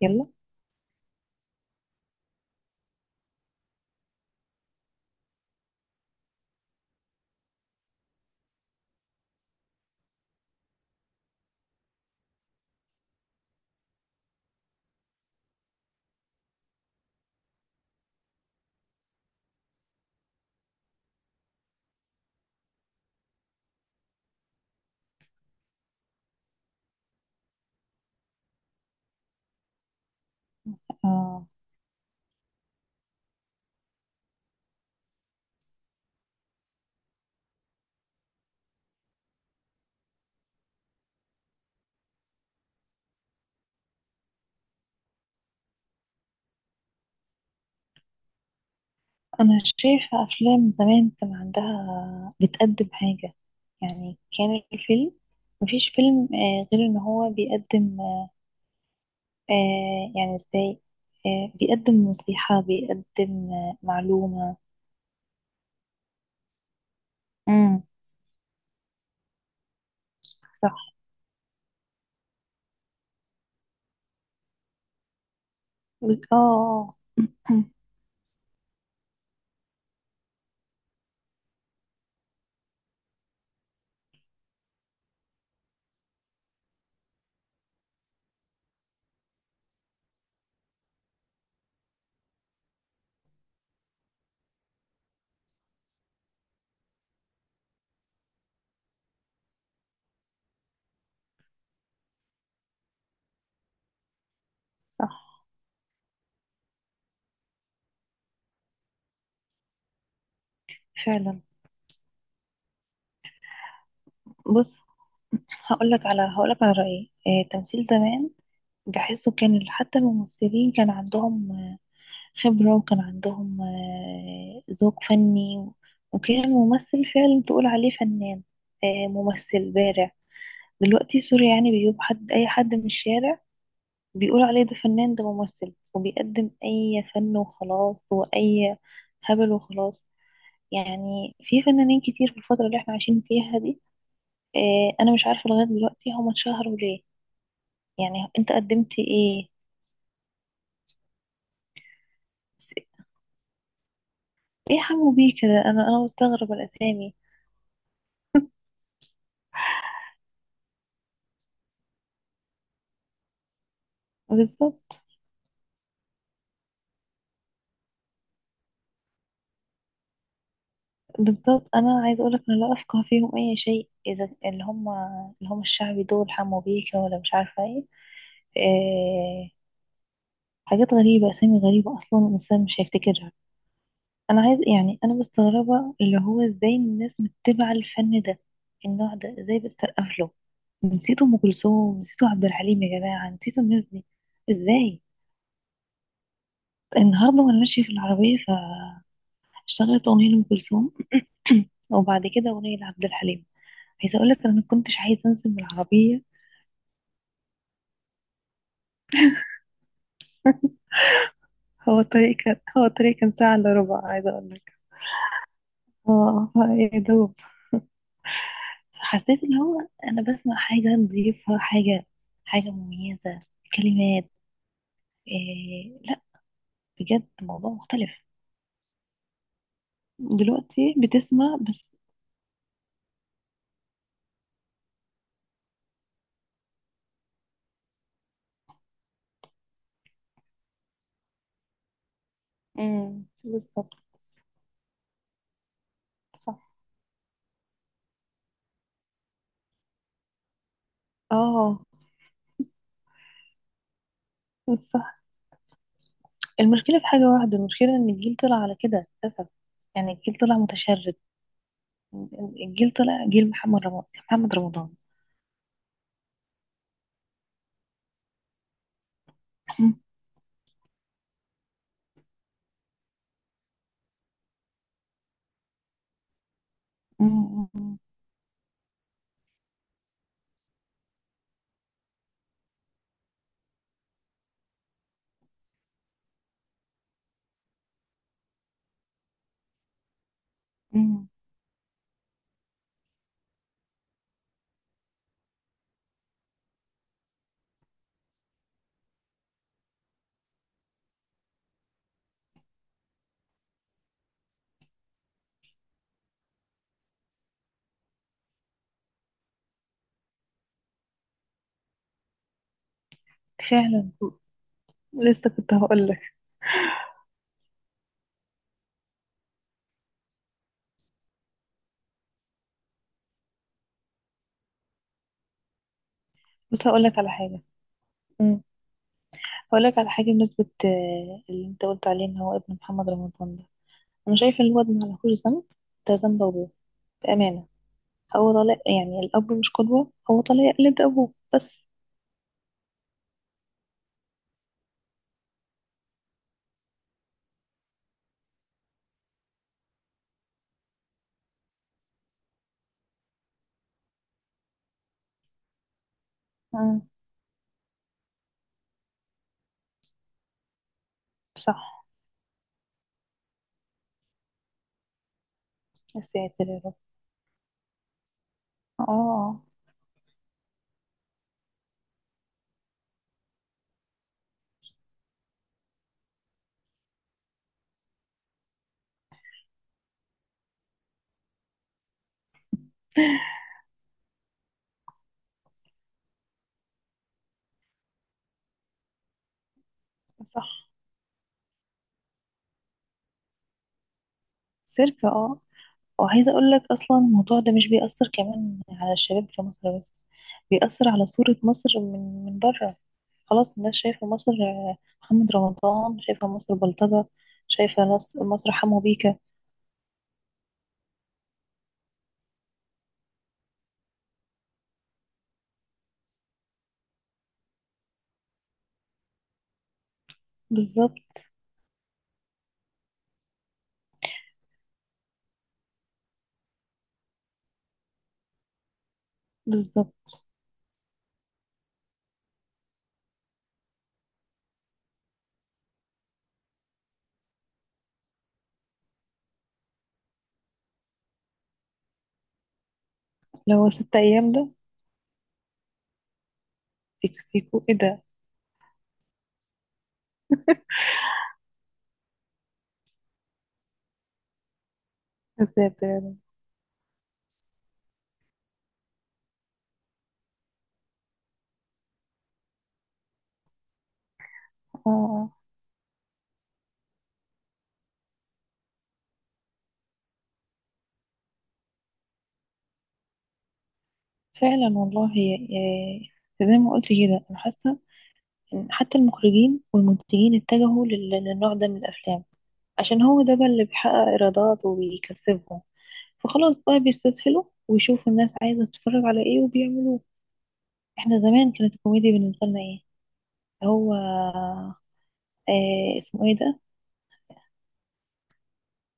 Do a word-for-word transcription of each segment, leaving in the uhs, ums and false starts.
يلا، آه. أنا شايفة أفلام زمان كان عندها بتقدم حاجة. يعني كان الفيلم، مفيش فيلم آه غير إن هو بيقدم آه آه، يعني إزاي؟ آه بيقدم نصيحة، بيقدم آه معلومة. امم، صح. آه، آه، أمم، صح، فعلا. بص، هقولك على هقولك على رأيي. آه تمثيل زمان، بحسه كان حتى الممثلين كان عندهم خبرة، وكان عندهم آه، ذوق فني. وكان الممثل فعلا تقول عليه فنان، آه، ممثل بارع. دلوقتي سوري، يعني بيجيب حد، أي حد من الشارع، بيقول عليه ده فنان، ده ممثل، وبيقدم أي فن وخلاص، وأي هبل وخلاص. يعني في فنانين كتير في الفترة اللي احنا عايشين فيها دي. آه، أنا مش عارفة لغاية دلوقتي هما اتشهروا ليه. يعني أنت قدمت إيه؟ س- إيه حمو بيه كده؟ أنا أنا مستغربة الأسامي. بالظبط، بالظبط، انا عايزه اقولك انا لا افقه فيهم اي شيء. اذا اللي هم اللي هم الشعبي دول، حمو بيكا ولا مش عارفه ايه. إيه، حاجات غريبه، اسامي غريبه، اصلا الانسان مش هيفتكرها. انا عايز يعني انا مستغربه اللي هو ازاي الناس متبعه الفن ده، النوع ده ازاي بتسقف له. نسيتوا ام كلثوم، نسيتوا عبد الحليم، يا جماعه نسيتوا الناس دي ازاي؟ النهارده وانا ماشيه في العربيه، فاشتغلت اغنيه لام كلثوم وبعد كده اغنيه لعبد الحليم. عايزه اقول لك انا ما كنتش عايزه انزل من العربيه. هو الطريق كان هو الطريق كان ساعة إلا ربع، عايزة أقول لك. اه، يا دوب حسيت اللي هو أنا بسمع حاجة نضيفة، حاجة حاجة مميزة، كلمات. إيه، لا، بجد موضوع مختلف. دلوقتي بتسمع بس. امم، بالظبط، صح، اه، صح. المشكلة في حاجة واحدة، المشكلة إن الجيل طلع على كده للأسف. يعني الجيل طلع متشرد، الجيل طلع جيل محمد رمضان، محمد رمضان. امم، أمم، أمم، فعلا. لسه كنت هقول لك. بص هقول لك على حاجه. مم. هقول لك على حاجه بمناسبه آه، اللي انت قلت عليه ان هو ابن محمد رمضان ده، انا شايفه ان الواد ما لهوش ذنب، ده ذنب ابوه، بامانه. هو طالع، يعني الاب مش قدوه، هو طالع يقلد ابوه بس. مم. صح. يا ساتر يا رب. اه، آه، آه، صح، سيرك، اه. وعايزة أقول لك أصلا الموضوع ده مش بيأثر كمان على الشباب في مصر بس، بيأثر على صورة مصر من من بره. خلاص الناس شايفة مصر، آه، محمد رمضان، شايفة مصر بلطجة، شايفة ناس مصر حمو بيكا. بالظبط، بالظبط، لو ست أيام ده، سيكو سيكو ايه ده؟ عذاب يعني. اه، آه، فعلا والله. آه، زي ما قلت كده أنا حاسة إن حتى المخرجين والمنتجين اتجهوا لل- للنوع ده من الأفلام، عشان هو ده بقى اللي بيحقق إيرادات وبيكسبهم. فخلاص بقى بيستسهلوا ويشوفوا الناس عايزة تتفرج على ايه وبيعملوه. احنا زمان كانت الكوميديا بالنسبة لنا ايه؟ هو آه اسمه ايه ده؟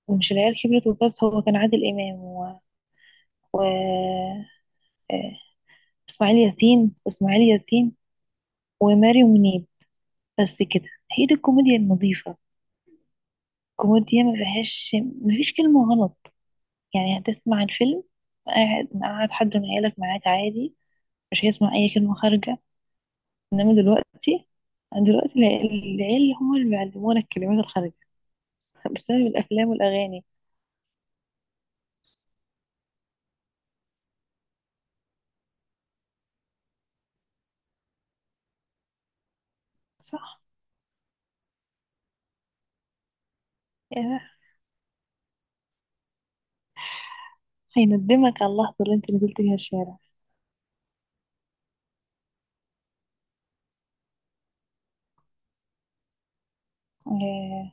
ومش العيال كبرت وبس، هو كان عادل إمام و, و... آه اسماعيل ياسين واسماعيل ياسين وماري منيب، بس كده. هي دي الكوميديا النظيفة، كوميديا ما فيهاش، ما فيش كلمة غلط. يعني هتسمع الفيلم، قاعد قاعد حد من عيالك معاك عادي، مش هيسمع أي كلمة خارجة. انما دلوقتي، يعني دلوقتي الع- العيال هم اللي بيعلمونا الكلمات الخارجية، بسبب الافلام والاغاني. صح، يا هيندمك على اللحظة اللي انت نزلت فيها الشارع. آه،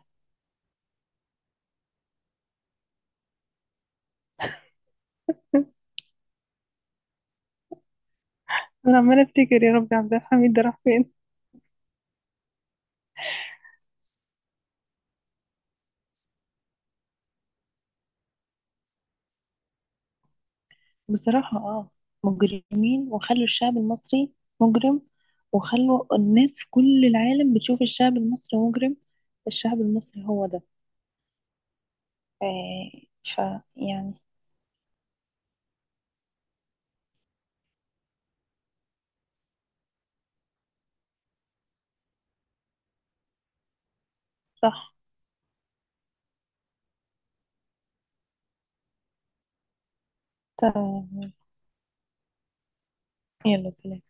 انا عماله افتكر يا ربي عبد الحميد ده راح فين. بصراحة اه، مجرمين، وخلوا الشعب المصري مجرم، وخلوا الناس في كل العالم بتشوف الشعب المصري مجرم. الشعب المصري هو ده. آه، ف يعني صح. تمام، يلا سلام.